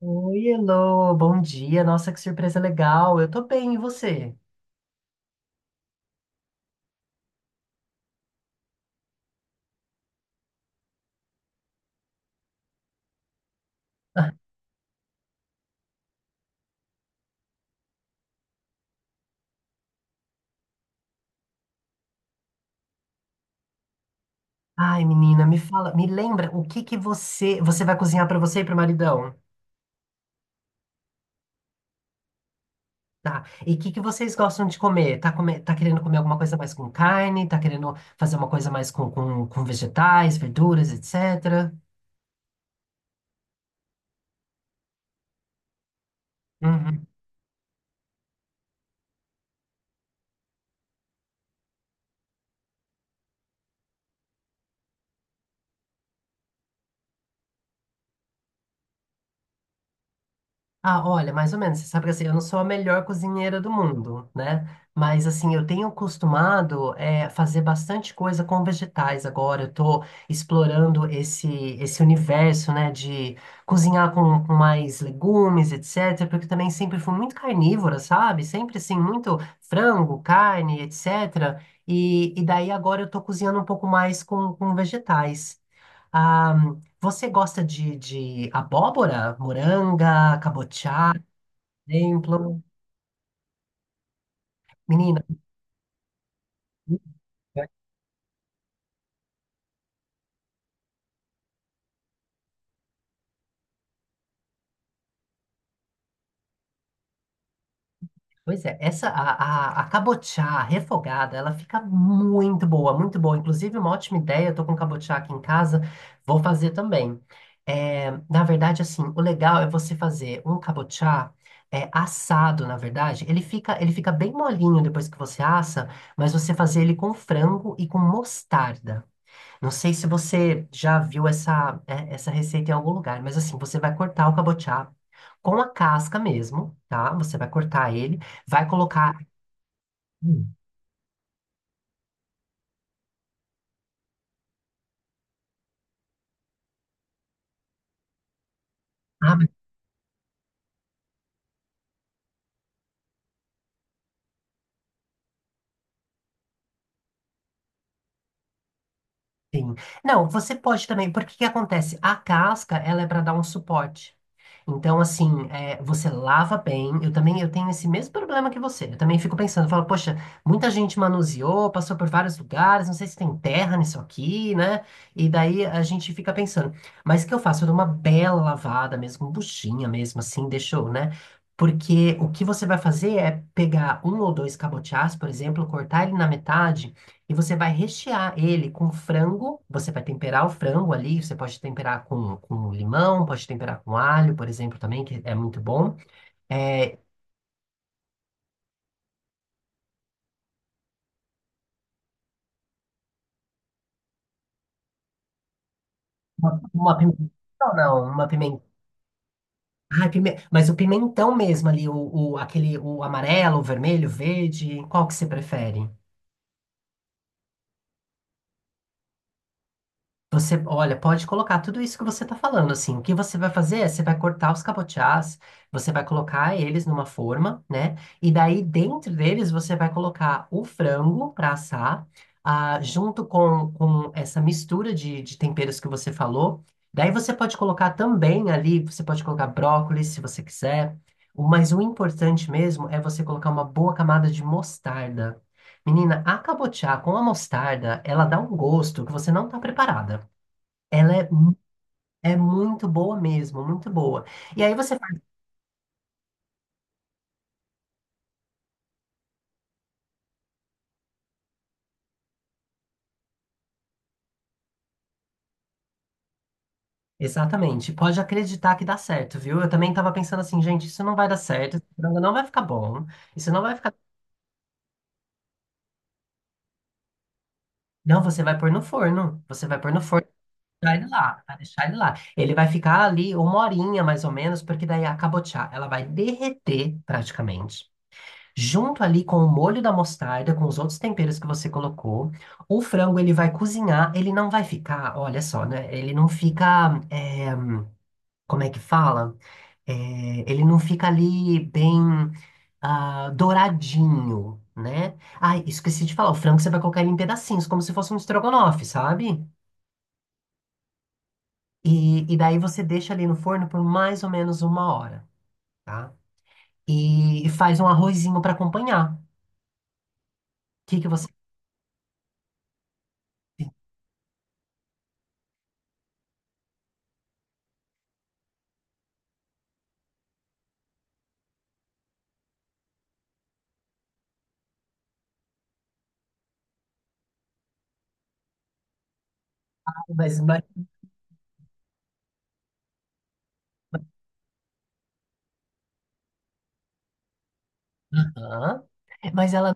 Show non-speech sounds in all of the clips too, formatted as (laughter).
Oi, Elô, bom dia. Nossa, que surpresa legal. Eu tô bem, e você? Ai, menina, me fala, me lembra o que que você vai cozinhar pra você e pro maridão? Tá. E o que que vocês gostam de comer? Tá, come, tá querendo comer alguma coisa mais com carne? Tá querendo fazer uma coisa mais com vegetais, verduras, etc? Uhum. Ah, olha, mais ou menos. Você sabe que assim, eu não sou a melhor cozinheira do mundo, né? Mas assim, eu tenho acostumado fazer bastante coisa com vegetais agora. Eu tô explorando esse universo, né, de cozinhar com mais legumes, etc. Porque eu também sempre fui muito carnívora, sabe? Sempre assim, muito frango, carne, etc. E daí agora eu tô cozinhando um pouco mais com vegetais. Ah, você gosta de abóbora, moranga, cabotiá, por exemplo? Menina, pois é, essa a cabotiá refogada, ela fica muito boa, muito boa. Inclusive, uma ótima ideia, eu tô com cabotiá aqui em casa, vou fazer também. É, na verdade, assim, o legal é você fazer um cabotiá assado, na verdade. Ele fica bem molinho depois que você assa, mas você fazer ele com frango e com mostarda. Não sei se você já viu essa, essa receita em algum lugar, mas assim, você vai cortar o cabotiá com a casca mesmo, tá? Você vai cortar ele, vai colocar. Hum. Ah, sim. Não, você pode também, porque o que acontece? A casca, ela é para dar um suporte. Então, assim, você lava bem. Eu também, eu tenho esse mesmo problema que você. Eu também fico pensando, falo, poxa, muita gente manuseou, passou por vários lugares, não sei se tem terra nisso aqui, né? E daí a gente fica pensando, mas o que eu faço? Eu dou uma bela lavada mesmo, buchinha mesmo, assim, deixou, né? Porque o que você vai fazer é pegar um ou dois cabotiás, por exemplo, cortar ele na metade e você vai rechear ele com frango. Você vai temperar o frango ali. Você pode temperar com limão, pode temperar com alho, por exemplo, também, que é muito bom. É, uma pimentão, não, uma pimentão. Ah, mas o pimentão mesmo ali, aquele, o amarelo, o vermelho, o verde, qual que você prefere? Você, olha, pode colocar tudo isso que você está falando, assim. O que você vai fazer é, você vai cortar os cabotiás, você vai colocar eles numa forma, né? E daí, dentro deles, você vai colocar o frango para assar, junto com essa mistura de temperos que você falou. Daí, você pode colocar também ali, você pode colocar brócolis, se você quiser. Mas o importante mesmo é você colocar uma boa camada de mostarda. Menina, a cabotiá com a mostarda, ela dá um gosto que você não está preparada. Ela é, mu- É muito boa mesmo, muito boa. E aí você faz. Exatamente, pode acreditar que dá certo, viu? Eu também tava pensando assim, gente, isso não vai dar certo, esse frango não vai ficar bom, isso não vai ficar. Não, você vai pôr no forno, você vai pôr no forno, vai deixar ele lá, vai deixar ele lá. Ele vai ficar ali uma horinha mais ou menos, porque daí é a cabotiá, ela vai derreter praticamente. Junto ali com o molho da mostarda, com os outros temperos que você colocou, o frango ele vai cozinhar, ele não vai ficar, olha só, né? Ele não fica. É, como é que fala? É, Ele não fica ali bem douradinho, né? Ai, esqueci de falar, o frango você vai colocar ele em pedacinhos, como se fosse um estrogonofe, sabe? E daí você deixa ali no forno por mais ou menos uma hora, tá? E faz um arrozinho para acompanhar. O que que você faz? Mas, mas, Aham. Mas ela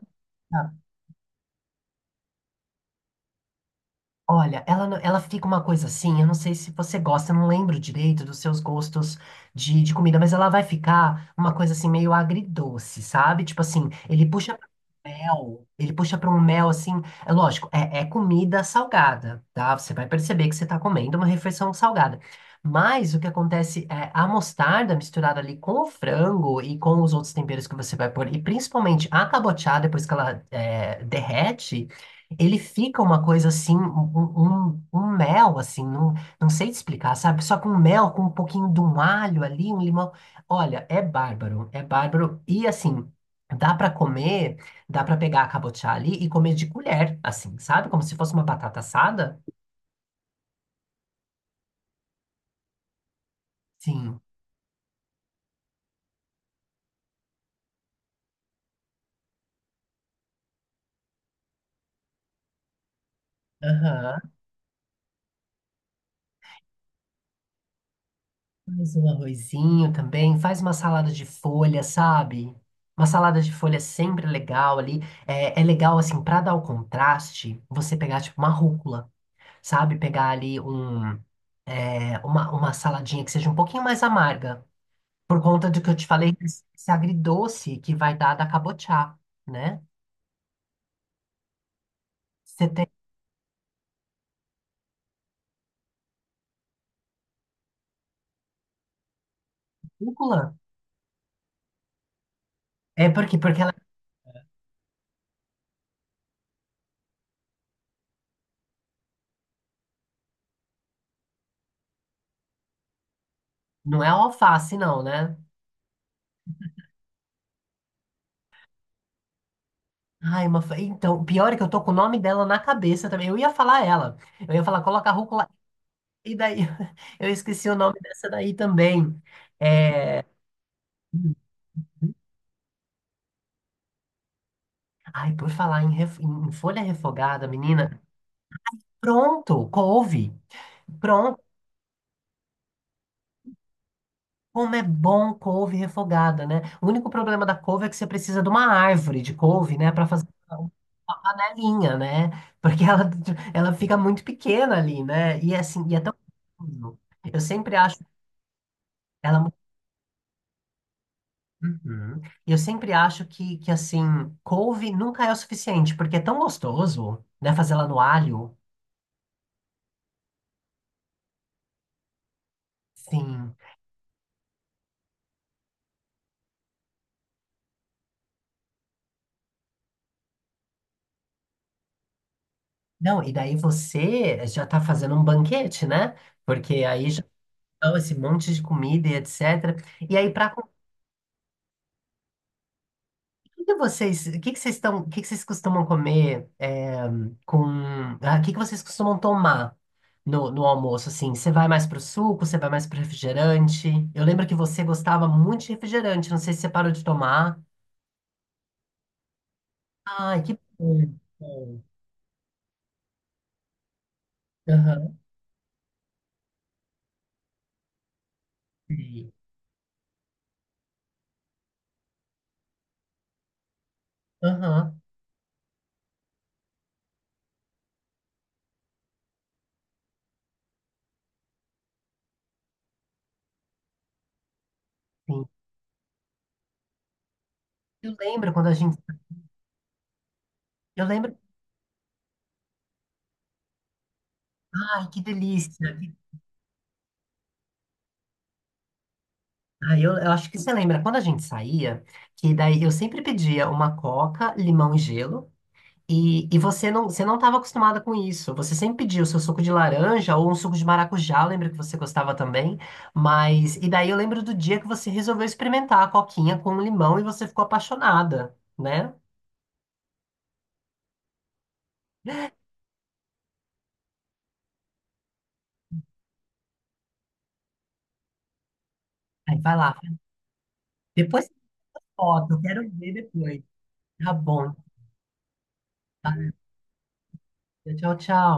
Olha, ela, ela fica uma coisa assim, eu não sei se você gosta, eu não lembro direito dos seus gostos de comida, mas ela vai ficar uma coisa assim meio agridoce, sabe? Tipo assim, ele puxa para mel, ele puxa para um mel assim, é lógico, é comida salgada, tá? Você vai perceber que você está comendo uma refeição salgada. Mas o que acontece é a mostarda misturada ali com o frango e com os outros temperos que você vai pôr, e principalmente a cabotiá, depois que derrete. Ele fica uma coisa assim, um mel, assim, não, não sei te explicar, sabe? Só com mel, com um pouquinho de um alho ali, um limão. Olha, é bárbaro, é bárbaro. E assim, dá pra comer, dá pra pegar a cabotiá ali e comer de colher, assim, sabe? Como se fosse uma batata assada. Sim. Aham. Faz um arrozinho também, faz uma salada de folha, sabe? Uma salada de folha é sempre legal ali. É legal, assim, pra dar o contraste, você pegar, tipo, uma rúcula. Sabe? Pegar ali um, uma saladinha que seja um pouquinho mais amarga, por conta do que eu te falei, esse agridoce que vai dar da cabotiá, né? Você tem rúcula? É porque ela não é alface, não, né? Ai, então, pior é que eu tô com o nome dela na cabeça também. Eu ia falar ela. Eu ia falar, coloca a rúcula. E daí, (laughs) eu esqueci o nome dessa daí também. É... Ai, por falar em, em folha refogada, menina. Pronto, couve. Pronto. Como é bom couve refogada, né? O único problema da couve é que você precisa de uma árvore de couve, né, para fazer uma panelinha, né? Porque ela fica muito pequena ali, né? E assim, e é tão gostoso. Eu sempre acho ela mu- Uhum. E eu sempre acho que assim, couve nunca é o suficiente, porque é tão gostoso, né, fazer ela no alho. Sim. Não, e daí você já tá fazendo um banquete, né? Porque aí já dão esse monte de comida e etc. E aí, para que que vocês, o que que vocês estão, o que que vocês costumam comer com, o que que vocês costumam tomar no almoço, assim? Você vai mais pro suco, você vai mais pro refrigerante? Eu lembro que você gostava muito de refrigerante, não sei se você parou de tomar. Ai, que bom. Bom. Aham. Sim. Aham. Sim. Eu lembro quando a gente, eu lembro, ai, que delícia. Ai, eu acho que você lembra quando a gente saía, que daí eu sempre pedia uma coca, limão e gelo. E você não estava acostumada com isso. Você sempre pedia o seu suco de laranja ou um suco de maracujá, eu lembro que você gostava também. Mas, e daí eu lembro do dia que você resolveu experimentar a coquinha com limão e você ficou apaixonada, né? Aí vai lá. Depois tem foto, eu quero ver depois. Tá bom. Tá? Tchau, tchau.